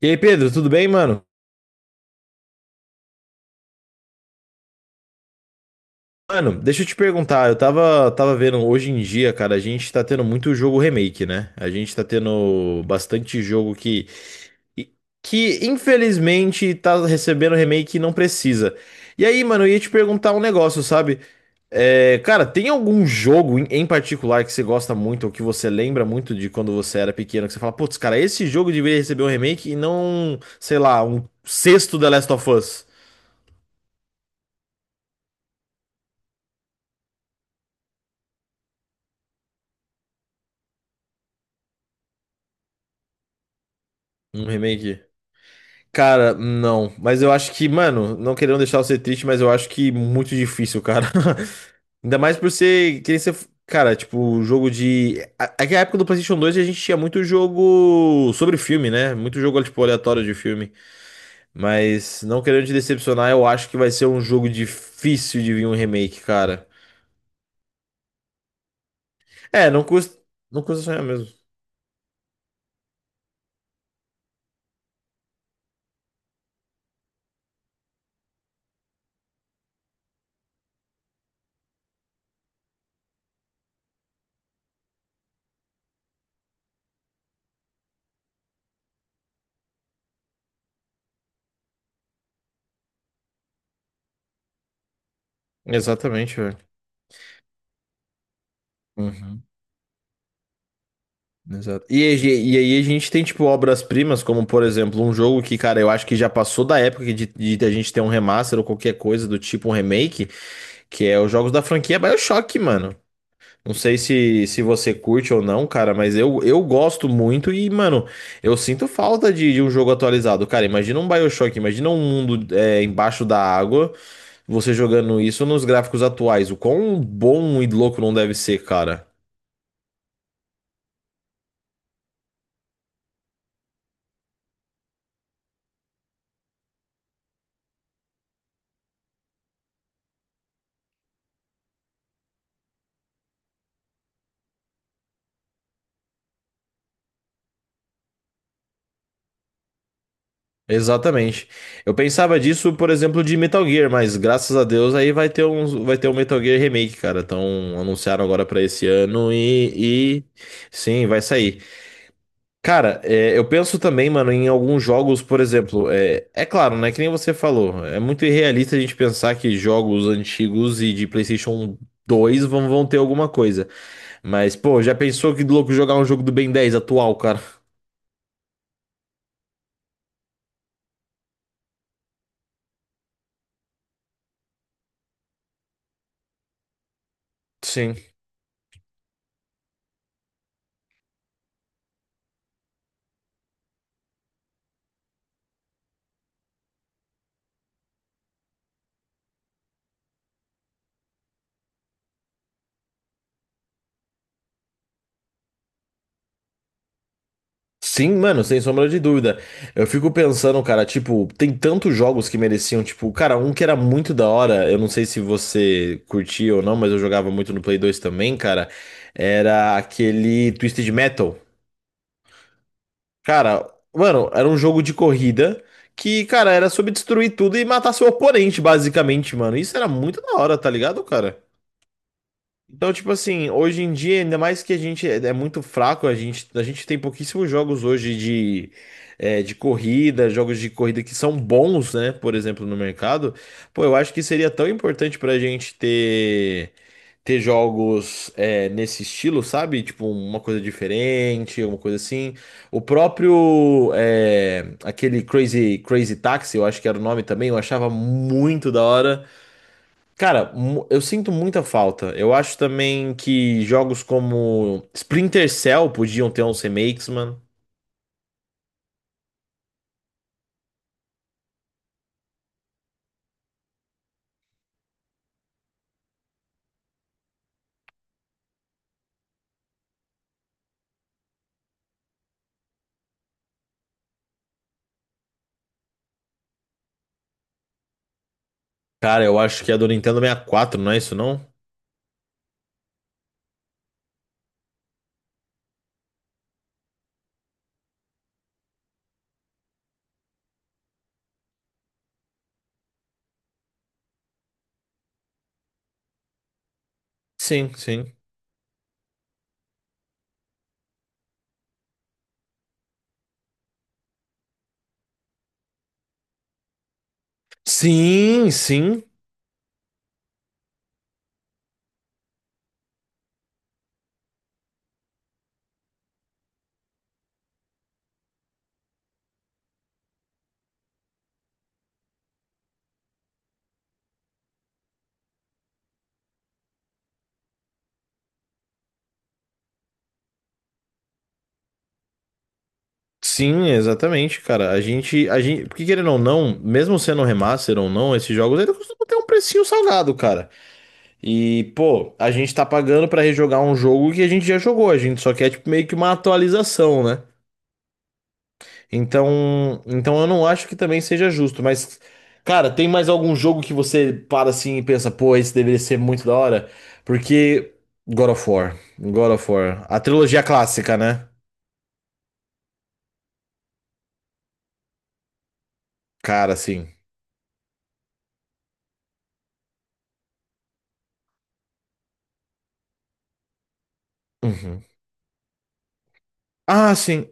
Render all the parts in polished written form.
E aí, Pedro, tudo bem, mano? Mano, deixa eu te perguntar, eu tava vendo hoje em dia, cara, a gente tá tendo muito jogo remake, né? A gente tá tendo bastante jogo que infelizmente tá recebendo remake e não precisa. E aí, mano, eu ia te perguntar um negócio, sabe? É, cara, tem algum jogo em particular que você gosta muito ou que você lembra muito de quando você era pequeno, que você fala, putz, cara, esse jogo deveria receber um remake e não, sei lá, um sexto The Last of Us, um remake? Cara, não. Mas eu acho que, mano, não querendo deixar você triste, mas eu acho que muito difícil, cara. Ainda mais por ser, querer ser, cara, tipo, jogo de. Aquela época do PlayStation 2 a gente tinha muito jogo sobre filme, né? Muito jogo, tipo, aleatório de filme. Mas não querendo te decepcionar, eu acho que vai ser um jogo difícil de vir um remake, cara. É, não custa sonhar mesmo. Exatamente, velho. Exato. E, e aí a gente tem, tipo, obras-primas, como, por exemplo, um jogo que, cara, eu acho que já passou da época de a gente ter um remaster ou qualquer coisa do tipo, um remake, que é os jogos da franquia BioShock, mano. Não sei se você curte ou não, cara, mas eu gosto muito e, mano, eu sinto falta de um jogo atualizado. Cara, imagina um BioShock, imagina um mundo embaixo da água, você jogando isso nos gráficos atuais. O quão bom e louco não deve ser, cara. Exatamente. Eu pensava disso, por exemplo, de Metal Gear, mas graças a Deus aí vai ter um Metal Gear Remake, cara. Então anunciaram agora pra esse ano sim, vai sair. Cara, eu penso também, mano, em alguns jogos, por exemplo, é claro, né? Que nem você falou, é muito irrealista a gente pensar que jogos antigos e de PlayStation 2 vão ter alguma coisa. Mas, pô, já pensou que louco jogar um jogo do Ben 10 atual, cara? Sim. Sim, mano, sem sombra de dúvida. Eu fico pensando, cara, tipo, tem tantos jogos que mereciam, tipo, cara, um que era muito da hora, eu não sei se você curtia ou não, mas eu jogava muito no Play 2 também, cara, era aquele Twisted Metal. Cara, mano, era um jogo de corrida que, cara, era sobre destruir tudo e matar seu oponente, basicamente, mano. Isso era muito da hora, tá ligado, cara? Então, tipo assim, hoje em dia, ainda mais que a gente é muito fraco, a gente tem pouquíssimos jogos hoje de corrida, jogos de corrida que são bons, né? Por exemplo, no mercado. Pô, eu acho que seria tão importante pra gente ter jogos, nesse estilo, sabe? Tipo, uma coisa diferente, uma coisa assim. O próprio, aquele Crazy, Crazy Taxi, eu acho que era o nome também, eu achava muito da hora. Cara, eu sinto muita falta. Eu acho também que jogos como Splinter Cell podiam ter uns remakes, mano. Cara, eu acho que é do Nintendo 64, não é isso não? Sim, sim. Sim, sim. Sim, exatamente, cara. A gente, porque querendo ou não, mesmo sendo um remaster ou não, esses jogos ainda costumam ter um precinho salgado, cara. E, pô, a gente tá pagando pra rejogar um jogo que a gente já jogou, a gente só quer tipo meio que uma atualização, né? Então eu não acho que também seja justo, mas cara, tem mais algum jogo que você para assim e pensa, pô, esse deveria ser muito da hora? Porque God of War, a trilogia clássica, né? Cara, sim. Uhum. Ah, sim.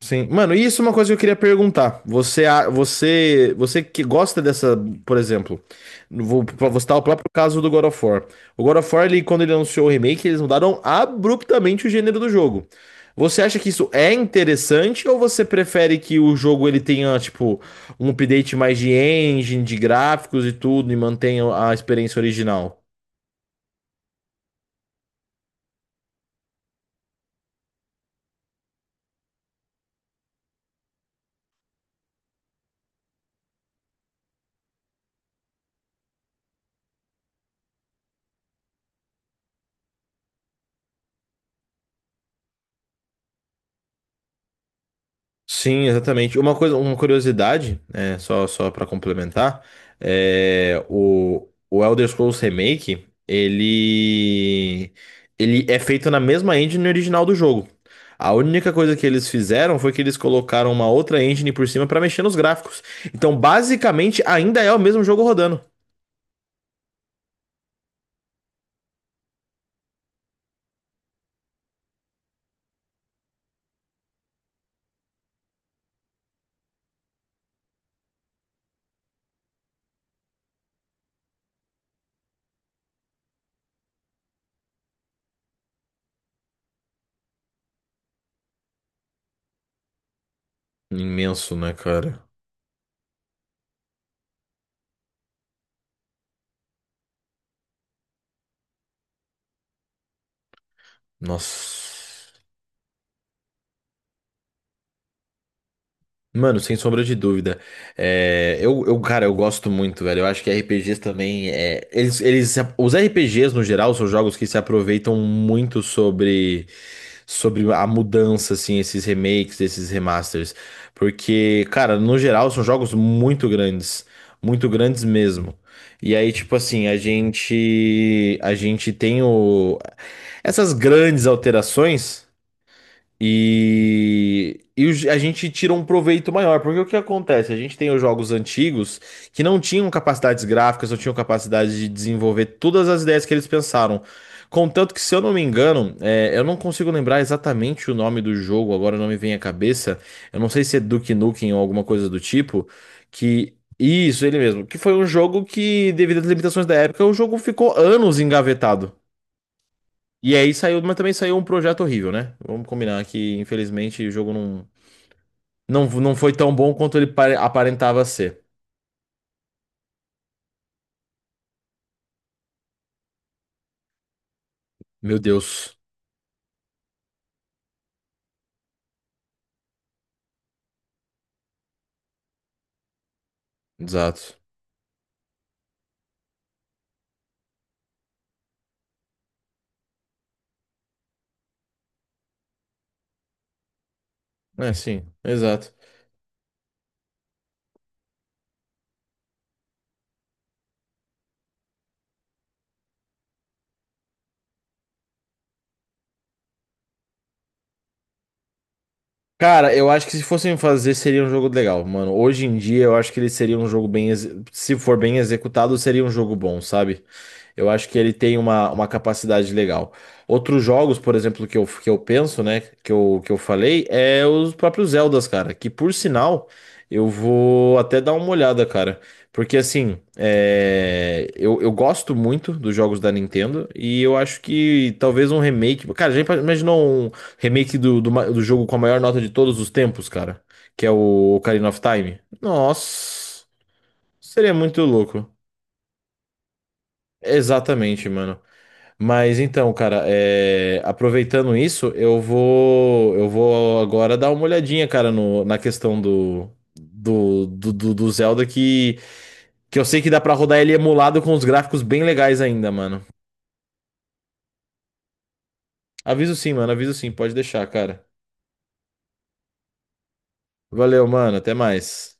Sim. Mano, e isso é uma coisa que eu queria perguntar. Você que gosta dessa, por exemplo, vou citar o próprio caso do God of War. O God of War, ele, quando ele anunciou o remake, eles mudaram abruptamente o gênero do jogo. Você acha que isso é interessante ou você prefere que o jogo ele tenha, tipo, um update mais de engine, de gráficos e tudo, e mantenha a experiência original? Sim, exatamente. Uma coisa, uma curiosidade, só para complementar, o Elder Scrolls Remake, ele é feito na mesma engine original do jogo. A única coisa que eles fizeram foi que eles colocaram uma outra engine por cima para mexer nos gráficos. Então, basicamente, ainda é o mesmo jogo rodando. Imenso, né, cara? Nossa. Mano, sem sombra de dúvida. É, eu, cara, eu gosto muito, velho. Eu acho que RPGs também. É, eles, se ap- os RPGs, no geral, são jogos que se aproveitam muito sobre a mudança, assim, esses remakes, esses remasters. Porque, cara, no geral, são jogos muito grandes. Muito grandes mesmo. E aí, tipo assim, A gente tem o. Essas grandes alterações. E a gente tira um proveito maior, porque o que acontece? A gente tem os jogos antigos que não tinham capacidades gráficas, não tinham capacidade de desenvolver todas as ideias que eles pensaram. Contanto que, se eu não me engano, eu não consigo lembrar exatamente o nome do jogo, agora não me vem à cabeça. Eu não sei se é Duke Nukem ou alguma coisa do tipo, que. Isso, ele mesmo. Que foi um jogo que, devido às limitações da época, o jogo ficou anos engavetado. E aí saiu, mas também saiu um projeto horrível, né? Vamos combinar que, infelizmente, o jogo não, não, não foi tão bom quanto ele aparentava ser. Meu Deus. Exato. É, sim, exato. Cara, eu acho que se fossem fazer, seria um jogo legal, mano. Hoje em dia, eu acho que ele seria um jogo bem. Se for bem executado, seria um jogo bom, sabe? Eu acho que ele tem uma capacidade legal. Outros jogos, por exemplo, que eu penso, né? Que eu falei, é os próprios Zeldas, cara. Que por sinal, eu vou até dar uma olhada, cara. Porque assim, eu gosto muito dos jogos da Nintendo e eu acho que talvez um remake. Cara, já imaginou um. Remake do jogo com a maior nota de todos os tempos, cara. Que é o Ocarina of Time. Nossa, seria muito louco. Exatamente, mano. Mas então, cara, aproveitando isso, eu vou agora dar uma olhadinha, cara, no, na questão do Zelda que eu sei que dá pra rodar ele emulado com os gráficos bem legais ainda, mano. Aviso sim, mano, aviso sim, pode deixar, cara. Valeu, mano, até mais.